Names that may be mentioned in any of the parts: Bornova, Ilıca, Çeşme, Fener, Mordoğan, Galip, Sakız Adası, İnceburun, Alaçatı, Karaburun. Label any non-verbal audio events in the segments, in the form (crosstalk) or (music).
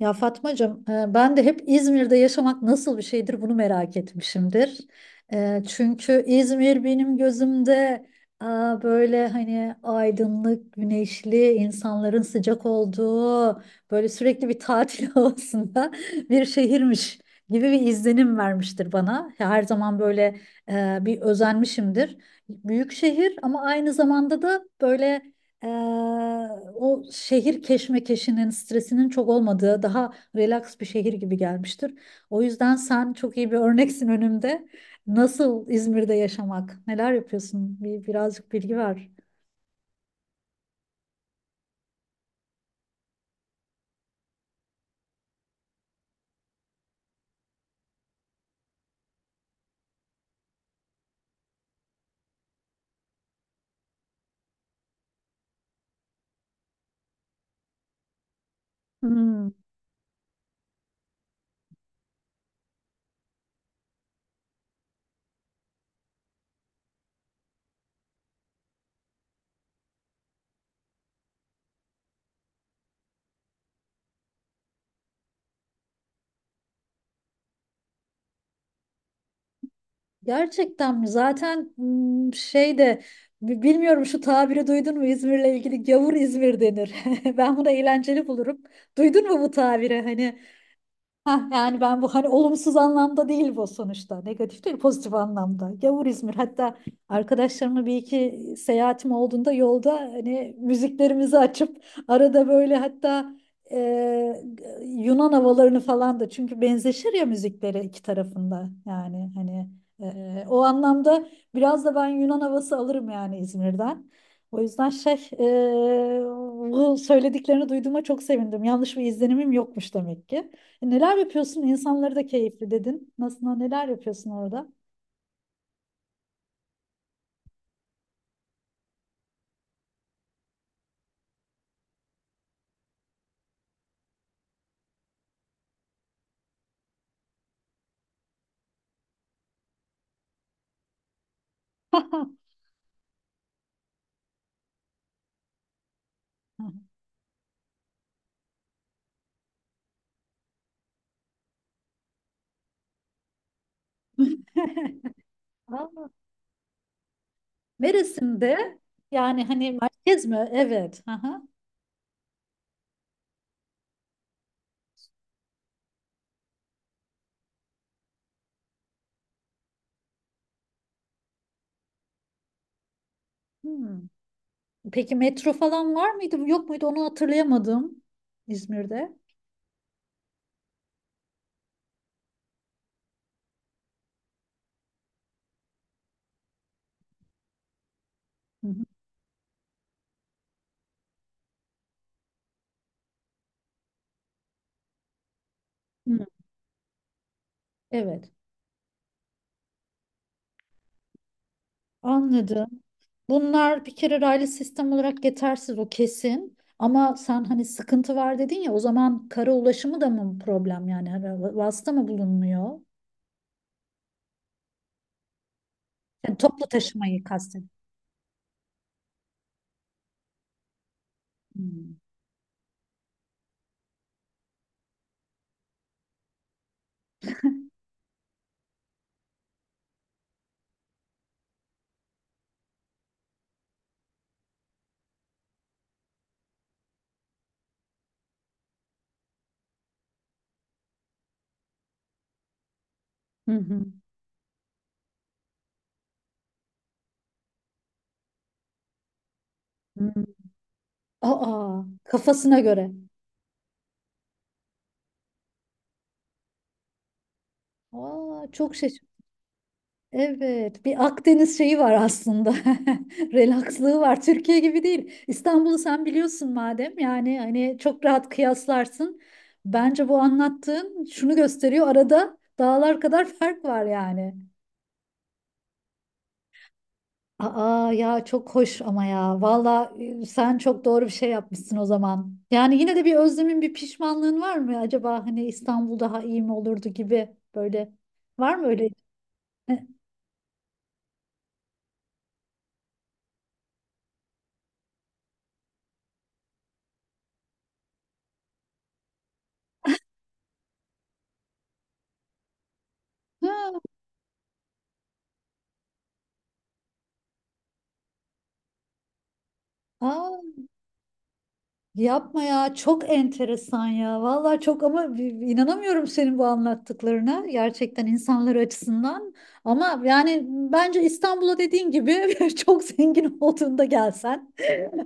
Ya Fatmacığım, ben de hep İzmir'de yaşamak nasıl bir şeydir bunu merak etmişimdir. E, Çünkü İzmir benim gözümde e, böyle hani aydınlık, güneşli, insanların sıcak olduğu, böyle sürekli bir tatil (laughs) havasında bir şehirmiş gibi bir izlenim vermiştir bana. Her zaman böyle bir özenmişimdir. Büyük şehir ama aynı zamanda da böyle ee, o şehir keşmekeşinin, stresinin çok olmadığı, daha relax bir şehir gibi gelmiştir. O yüzden sen çok iyi bir örneksin önümde. Nasıl İzmir'de yaşamak? Neler yapıyorsun? Birazcık bilgi ver. Hmm. Gerçekten mi? Zaten hmm, bilmiyorum şu tabiri duydun mu İzmir'le ilgili, gavur İzmir denir. (laughs) Ben bunu eğlenceli bulurum. Duydun mu bu tabiri? Hani ha, yani ben bu hani olumsuz anlamda değil bu sonuçta. Negatif değil, pozitif anlamda. Gavur İzmir. Hatta arkadaşlarımla bir iki seyahatim olduğunda yolda hani müziklerimizi açıp arada böyle hatta e, Yunan havalarını falan da, çünkü benzeşir ya müzikleri iki tarafında. Yani hani o anlamda biraz da ben Yunan havası alırım yani İzmir'den. O yüzden bu söylediklerini duyduğuma çok sevindim. Yanlış bir izlenimim yokmuş demek ki. E, Neler yapıyorsun? İnsanları da keyifli dedin. Nasıl, neler yapıyorsun orada? (laughs) Aa, Mersin'de, yani hani merkez mi? Evet. Aha. Hmm. Peki metro falan var mıydı? Yok muydu? Onu hatırlayamadım. İzmir'de. Hı hı. Hmm. Evet. Anladım. Bunlar bir kere raylı sistem olarak yetersiz, o kesin. Ama sen hani sıkıntı var dedin ya, o zaman kara ulaşımı da mı problem yani? Hani vasıta mı bulunmuyor? Yani toplu taşımayı kastet. Hmm. Hı hı. Hı. Aa, kafasına göre. Aa, çok şaşır. Evet, bir Akdeniz şeyi var aslında. (laughs) Relakslığı var. Türkiye gibi değil. İstanbul'u sen biliyorsun madem. Yani hani çok rahat kıyaslarsın. Bence bu anlattığın şunu gösteriyor. Arada dağlar kadar fark var yani. Aa ya, çok hoş ama ya. Valla sen çok doğru bir şey yapmışsın o zaman. Yani yine de bir özlemin, bir pişmanlığın var mı acaba, hani İstanbul daha iyi mi olurdu gibi böyle. Var mı öyle? Ha, aa, yapma ya, çok enteresan ya. Valla çok, ama bir inanamıyorum senin bu anlattıklarına. Gerçekten insanlar açısından. Ama yani bence İstanbul'a dediğin gibi (laughs) çok zengin olduğunda gelsen.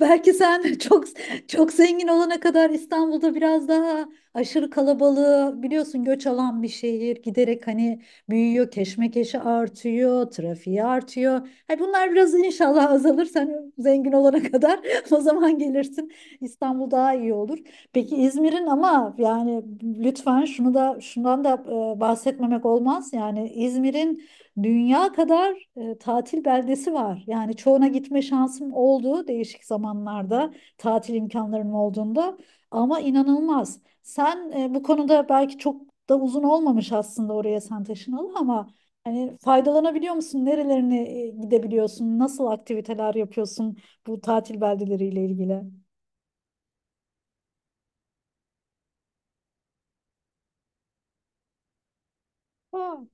Belki sen (laughs) çok zengin olana kadar İstanbul'da biraz daha aşırı kalabalığı biliyorsun, göç alan bir şehir, giderek hani büyüyor, keşmekeşi artıyor, trafiği artıyor. Hani bunlar biraz inşallah azalır sen zengin olana kadar, (laughs) o zaman gelirsin. İstanbul daha iyi olur. Peki İzmir'in ama, yani lütfen şunu da şundan da bahsetmemek olmaz. Yani İzmir'in dünya kadar tatil beldesi var. Yani çoğuna gitme şansım oldu değişik zamanlarda tatil imkanlarım olduğunda, ama inanılmaz. Sen bu konuda belki çok da uzun olmamış aslında oraya sen taşınalı, ama hani faydalanabiliyor musun? Nerelerine gidebiliyorsun? Nasıl aktiviteler yapıyorsun bu tatil beldeleriyle ilgili? Ha.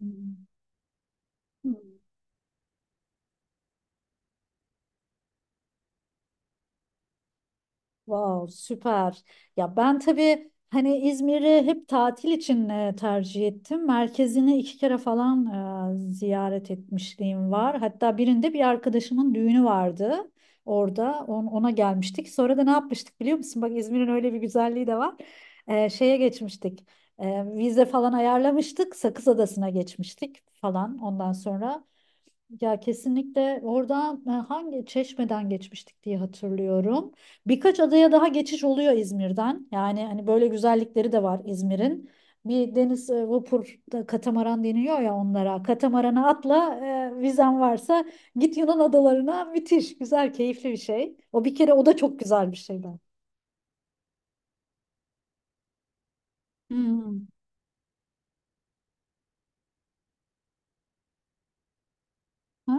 Hmm. Wow, süper. Ya ben tabii hani İzmir'i hep tatil için tercih ettim. Merkezini iki kere falan ziyaret etmişliğim var. Hatta birinde bir arkadaşımın düğünü vardı orada. Ona gelmiştik. Sonra da ne yapmıştık biliyor musun? Bak İzmir'in öyle bir güzelliği de var. Şeye geçmiştik. E, vize falan ayarlamıştık. Sakız Adası'na geçmiştik falan ondan sonra. Ya kesinlikle oradan hangi, Çeşme'den geçmiştik diye hatırlıyorum. Birkaç adaya daha geçiş oluyor İzmir'den. Yani hani böyle güzellikleri de var İzmir'in. Bir deniz vapur da, katamaran deniyor ya onlara. Katamarana atla, vizen varsa git Yunan adalarına, müthiş güzel keyifli bir şey. O bir kere, o da çok güzel bir şey ben. Hmm. Ha.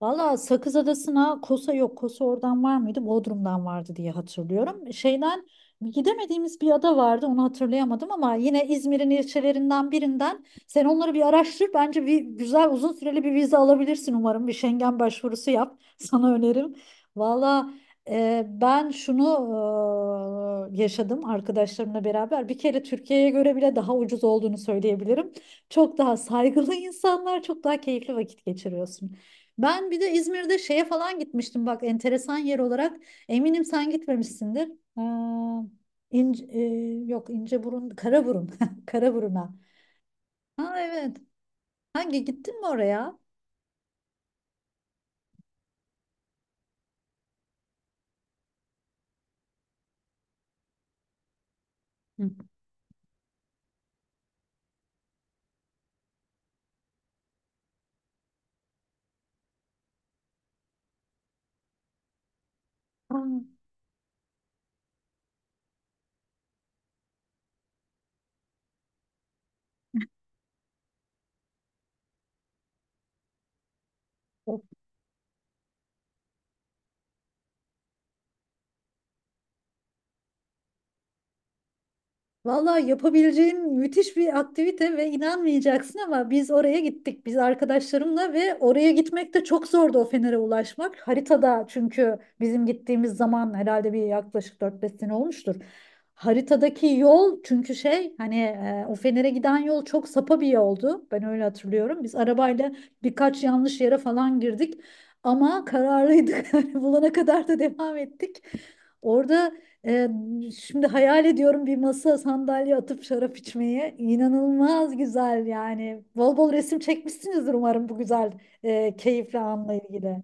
Valla Sakız Adası'na Kosa yok. Kosa oradan var mıydı? Bodrum'dan vardı diye hatırlıyorum. Şeyden gidemediğimiz bir ada vardı. Onu hatırlayamadım ama yine İzmir'in ilçelerinden birinden. Sen onları bir araştır. Bence bir güzel uzun süreli bir vize alabilirsin umarım. Bir Schengen başvurusu yap. (laughs) Sana önerim. Valla ben şunu yaşadım arkadaşlarımla beraber. Bir kere Türkiye'ye göre bile daha ucuz olduğunu söyleyebilirim. Çok daha saygılı insanlar, çok daha keyifli vakit geçiriyorsun. Ben bir de İzmir'de şeye falan gitmiştim bak, enteresan yer olarak. Eminim sen gitmemişsindir. Aa, ince, e, yok İnceburun, Karaburun. (laughs) Karaburun'a. Ha evet. Hangi, gittin mi oraya? Hı. Aa. Vallahi yapabileceğin müthiş bir aktivite ve inanmayacaksın ama biz oraya gittik. Biz arkadaşlarımla, ve oraya gitmek de çok zordu o Fener'e ulaşmak. Haritada, çünkü bizim gittiğimiz zaman herhalde bir yaklaşık 4 5 sene olmuştur. Haritadaki yol, çünkü şey, hani o Fener'e giden yol çok sapa bir yoldu. Ben öyle hatırlıyorum. Biz arabayla birkaç yanlış yere falan girdik ama kararlıydık. (laughs) Yani bulana kadar da devam ettik. Orada ee, şimdi hayal ediyorum bir masa sandalye atıp şarap içmeye. İnanılmaz güzel yani. Bol bol resim çekmişsinizdir umarım bu güzel keyifli anla ilgili.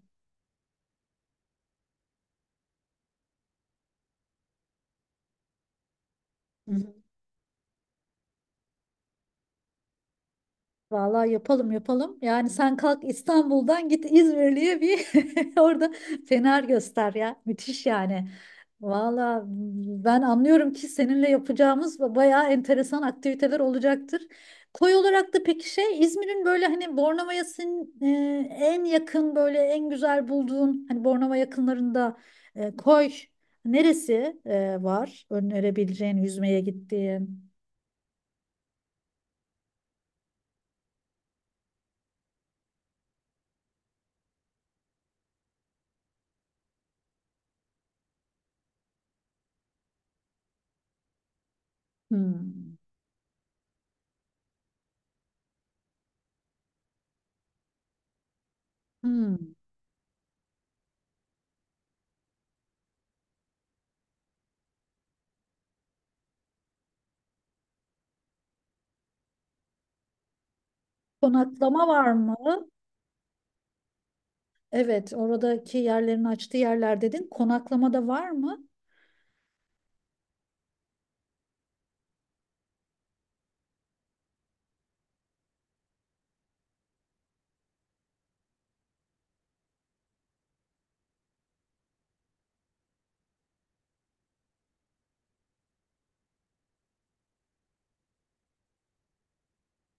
Vallahi yapalım yapalım. Yani sen kalk İstanbul'dan, git İzmirli'ye bir (laughs) orada fener göster ya. Müthiş yani. Vallahi ben anlıyorum ki seninle yapacağımız bayağı enteresan aktiviteler olacaktır. Koy olarak da peki şey, İzmir'in böyle hani Bornova'ya en yakın, böyle en güzel bulduğun hani Bornova yakınlarında koy neresi var önerebileceğin, yüzmeye gittiğin? Hmm. Hmm. Konaklama var mı? Evet, oradaki yerlerini açtığı yerler dedin. Konaklama da var mı?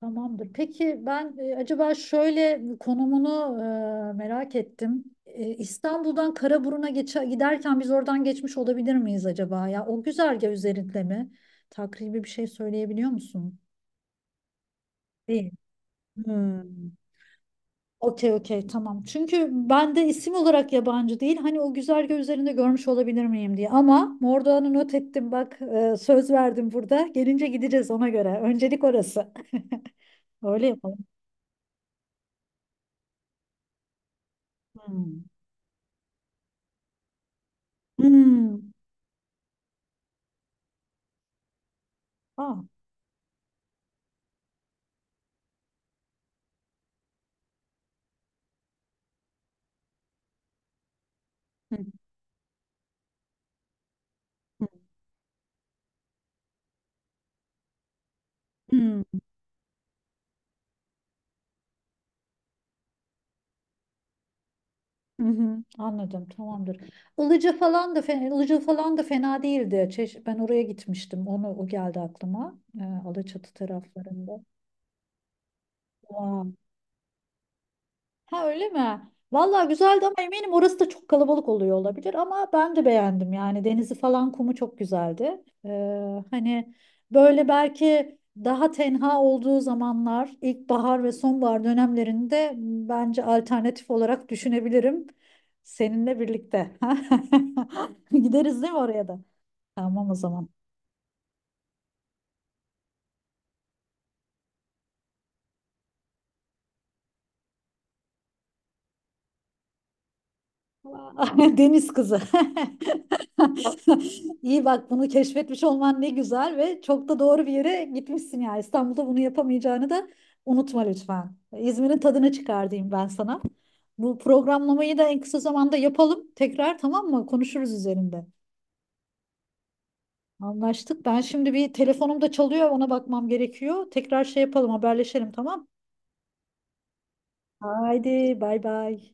Tamamdır. Peki ben acaba şöyle konumunu merak ettim. İstanbul'dan Karaburun'a giderken biz oradan geçmiş olabilir miyiz acaba? Ya o güzergah üzerinde mi? Takribi bir şey söyleyebiliyor musun? Değil. Hmm. Okey okey, tamam. Çünkü ben de isim olarak yabancı değil. Hani o güzergah üzerinde görmüş olabilir miyim diye. Ama Mordoğan'ı not ettim bak, söz verdim burada. Gelince gideceğiz ona göre. Öncelik orası. Öyle yapalım. Hmm. Hmm. Aa. Hı, hı, hı, hı, hı. Anladım, tamamdır. Ilıca falan da fena, Ilıca falan da fena değildi. Ben oraya gitmiştim. Onu, o geldi aklıma. E, Alaçatı taraflarında. Ha, öyle mi? Vallahi güzeldi ama eminim orası da çok kalabalık oluyor olabilir, ama ben de beğendim yani, denizi falan kumu çok güzeldi. Hani böyle belki daha tenha olduğu zamanlar, ilkbahar ve sonbahar dönemlerinde bence alternatif olarak düşünebilirim seninle birlikte. (laughs) Gideriz değil mi oraya da? Tamam o zaman. (laughs) Deniz kızı. (laughs) İyi, bak bunu keşfetmiş olman ne güzel ve çok da doğru bir yere gitmişsin ya. İstanbul'da bunu yapamayacağını da unutma lütfen. İzmir'in tadını çıkar diyeyim ben sana. Bu programlamayı da en kısa zamanda yapalım. Tekrar, tamam mı? Konuşuruz üzerinde. Anlaştık. Ben şimdi, bir telefonum da çalıyor. Ona bakmam gerekiyor. Tekrar şey yapalım, haberleşelim, tamam? Haydi bay bay.